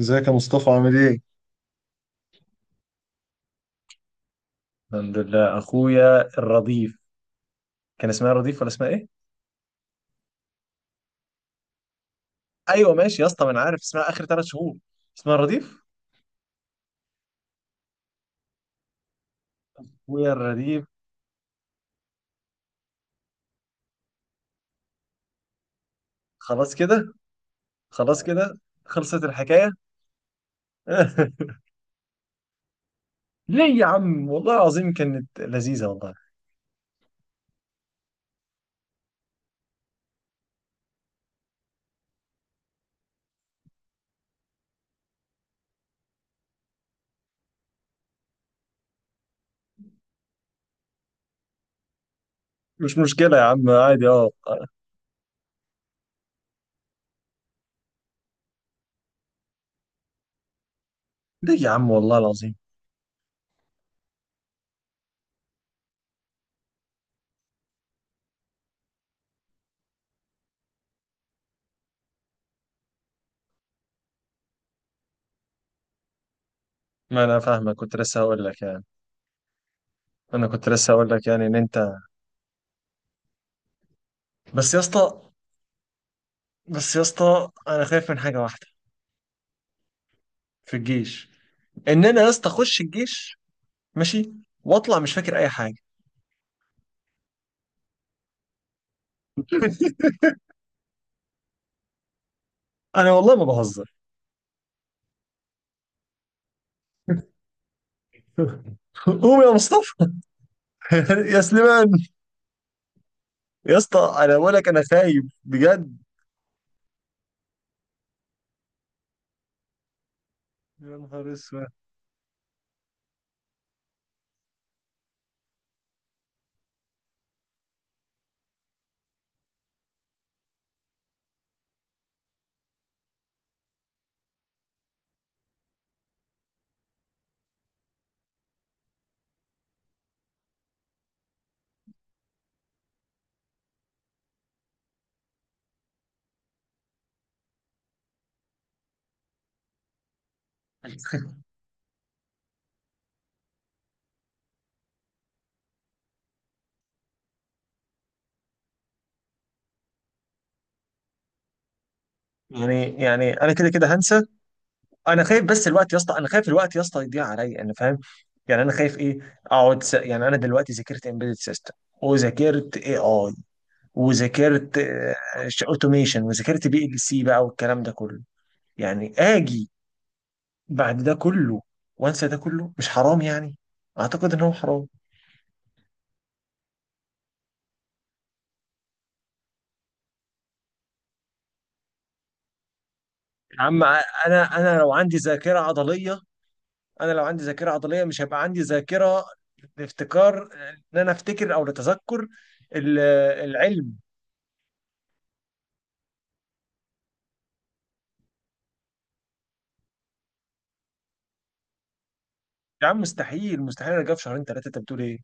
ازيك يا مصطفى، عامل ايه؟ الحمد لله. اخويا الرضيف، كان اسمها الرضيف ولا اسمها ايه؟ ايوه ماشي يا اسطى، ما انا عارف اسمها اخر 3 شهور. اسمها الرضيف، اخويا الرديف. خلاص كده. خلاص كده. خلصت الحكايه. ليه يا عم، والله العظيم كانت لذيذه والله. مش مشكله يا عم، عادي، اه. ليه يا عم والله العظيم؟ ما انا فاهمك، كنت لسه هقول لك يعني ان انت... بس يا اسطى، انا خايف من حاجه واحده في الجيش، ان انا يا اسطى اخش الجيش ماشي واطلع مش فاكر اي حاجه. انا والله ما بهزر. قوم يا مصطفى. يا سليمان، يا اسطى انا بقول لك، انا خايف بجد. يا نهار اسود. يعني انا كده كده هنسى. انا خايف بس الوقت يا اسطى، انا خايف الوقت يا اسطى يضيع عليا، انا فاهم. يعني انا خايف ايه، اقعد يعني انا دلوقتي ذاكرت امبيدد سيستم، وذاكرت اي اي، وذاكرت اوتوميشن، وذاكرت بي ال سي بقى، والكلام ده كله. يعني اجي بعد ده كله وانسى ده كله، مش حرام يعني؟ اعتقد ان هو حرام. يا عم انا لو عندي ذاكره عضليه، انا لو عندي ذاكره عضليه مش هيبقى عندي ذاكره لافتكار، ان انا افتكر، او لتذكر ال- العلم. يا عم مستحيل، مستحيل ارجع في شهرين ثلاثه، انت بتقول ايه؟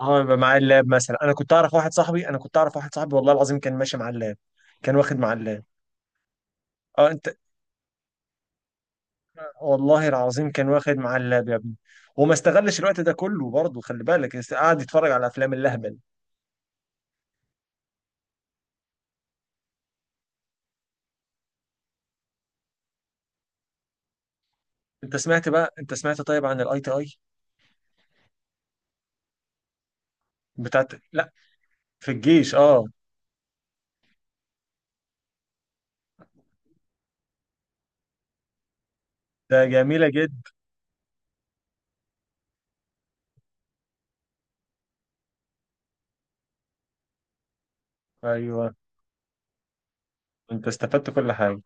اه يبقى معايا اللاب مثلا. انا كنت اعرف واحد صاحبي والله العظيم كان ماشي مع اللاب، كان واخد مع اللاب. اه انت، والله العظيم كان واخد مع اللاب يا ابني، وما استغلش الوقت ده كله برضه. خلي بالك، قعد يتفرج على افلام اللهبل. انت سمعت بقى، انت سمعت طيب عن الاي تي اي بتاعت؟ لا، في الجيش، اه. ده جميله جدا. ايوه، انت استفدت كل حاجه.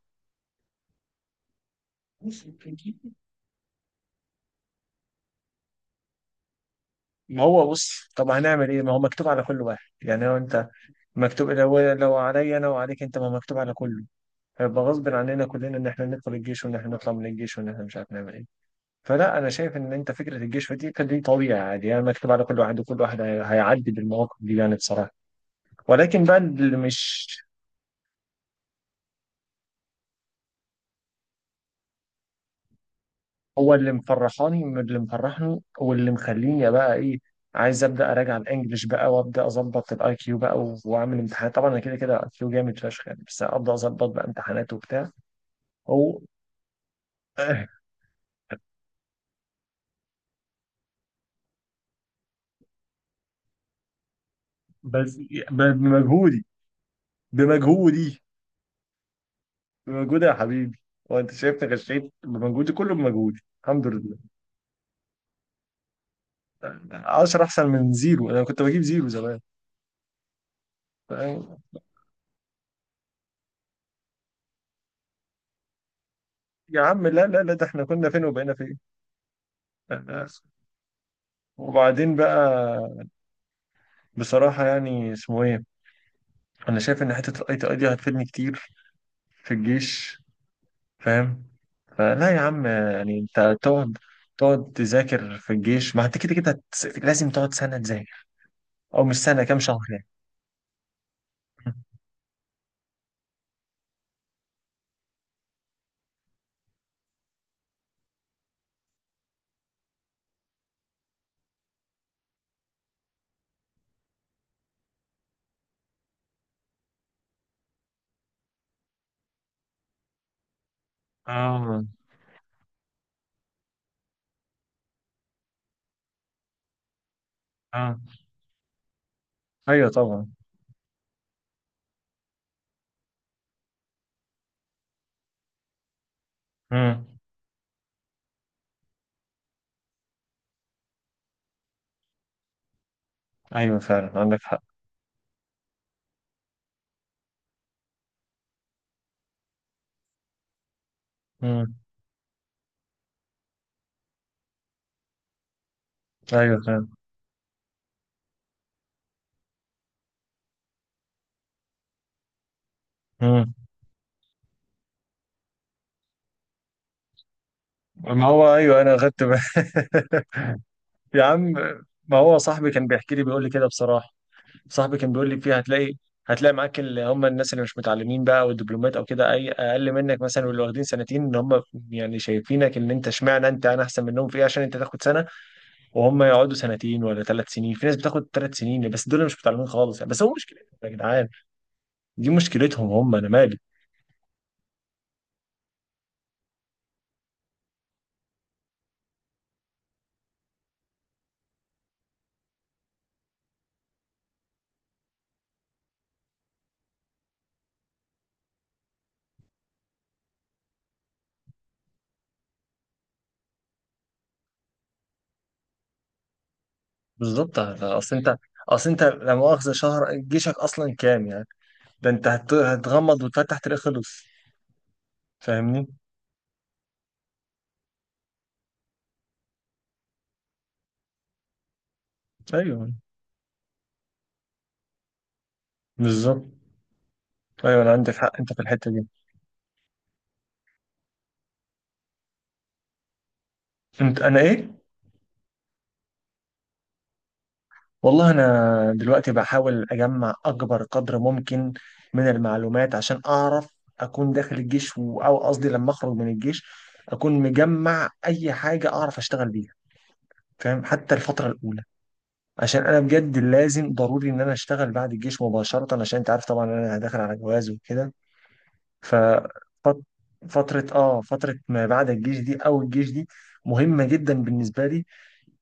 ما هو بص، طب هنعمل ايه؟ ما هو مكتوب على كل واحد يعني. لو انت مكتوب، لو عليا انا وعليك انت، ما مكتوب على كله. هيبقى غصب عننا كلنا ان احنا ندخل الجيش، وان احنا نطلع من الجيش، وان احنا مش عارف نعمل ايه. فلا، انا شايف ان انت فكره الجشع دي كان دي طبيعي عادي يعني، مكتوب على كل واحد، وكل واحد هيعدي بالمواقف دي يعني بصراحه. ولكن بقى اللي مش... هو اللي مفرحاني، من اللي مفرحني واللي مخليني بقى ايه، عايز ابدا اراجع الانجليش بقى، وابدا اظبط الاي كيو بقى واعمل امتحانات. طبعا انا كده كده الاي كيو جامد فشخ يعني، بس ابدا اظبط بقى امتحانات وبتاع. هو. بس بمجهودي، بمجهودي. بمجهودي يا حبيبي، وانت شايفني غشيت؟ بمجهودي كله، بمجهودي الحمد لله. 10 احسن من زيرو، انا كنت بجيب زيرو زمان. فاهم؟ يا عم لا لا لا، ده احنا كنا فين وبقينا فين. فاهم؟ وبعدين بقى، بصراحة يعني اسمه ايه، انا شايف ان حتة الاي تي اي دي هتفيدني كتير في الجيش، فاهم؟ فلا يا عم يعني انت تقعد تقعد تذاكر في الجيش. ما انت كده كده لازم تقعد سنة تذاكر، او مش سنة كام شهر يعني. اه، اه. ايوه طبعا. مم. ايوه فعلا عندك حق. مم. ايوه فعلا. مم. ما هو ايوه، انا اخدت بالي. يا عم ما هو صاحبي كان بيحكي لي، بيقول لي كده بصراحه. صاحبي كان بيقول لي فيها هتلاقي معاك اللي هم الناس اللي مش متعلمين بقى، والدبلومات او كده، اي اقل منك مثلا، واللي واخدين سنتين ان هم يعني شايفينك ان انت اشمعنى انت، انا احسن منهم في ايه عشان انت تاخد سنه، وهم يقعدوا سنتين ولا 3 سنين. في ناس بتاخد 3 سنين بس دول مش متعلمين خالص يعني، بس هو مشكلتهم يا جدعان. دي مشكلتهم هم، انا مالي. بالظبط. اصل انت لا مؤاخذه شهر جيشك اصلا كام يعني؟ ده انت هتغمض وتفتح تلاقيه خلص. فاهمني؟ ايوه بالظبط. ايوه انا عندك حق انت في الحته دي. انت انا ايه؟ والله انا دلوقتي بحاول اجمع اكبر قدر ممكن من المعلومات، عشان اعرف اكون داخل الجيش او قصدي لما اخرج من الجيش اكون مجمع اي حاجه اعرف اشتغل بيها، فاهم؟ حتى الفتره الاولى، عشان انا بجد لازم ضروري ان انا اشتغل بعد الجيش مباشره. عشان انت عارف طبعا، انا داخل على جواز وكده. ففترة اه فترة ما بعد الجيش دي او الجيش دي مهمة جدا بالنسبة لي،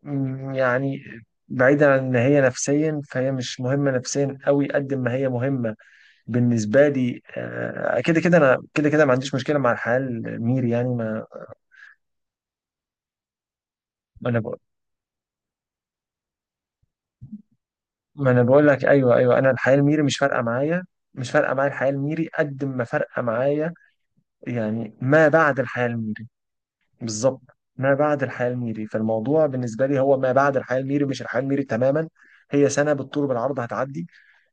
يعني. بعيدا عن ان هي نفسيا، فهي مش مهمة نفسيا قوي قد ما هي مهمة بالنسبة لي. كده كده انا كده كده ما عنديش مشكلة مع الحياة الميري يعني. ما انا بقول ما انا بقول لك، ايوه ايوه، انا الحياة الميري مش فارقة معايا. مش فارقة معايا الحياة الميري قد ما فارقة معايا، يعني ما بعد الحياة الميري. بالظبط. ما بعد الحياة الميري، فالموضوع بالنسبة لي هو ما بعد الحياة الميري، مش الحياة الميري تماما. هي سنة بالطول بالعرض هتعدي،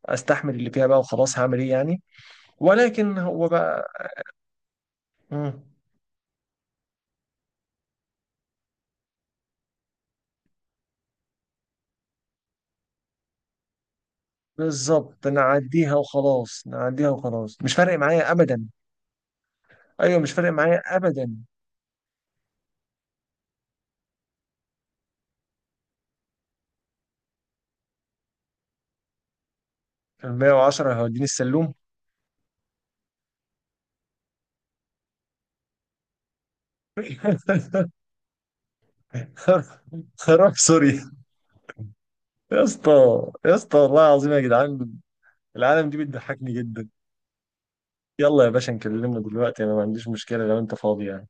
استحمل اللي فيها بقى وخلاص، هعمل ايه يعني. ولكن هو بقى... مم. بالظبط، نعديها وخلاص، نعديها وخلاص، مش فارق معايا ابدا. ايوه مش فارق معايا ابدا. ال 110 هيوديني السلوم. خراب سوري. يا اسطى، يا اسطى والله العظيم يا جدعان، العالم دي بتضحكني جدا. يلا يا باشا نكلمنا دلوقتي، انا ما عنديش مشكلة لو انت فاضي يعني.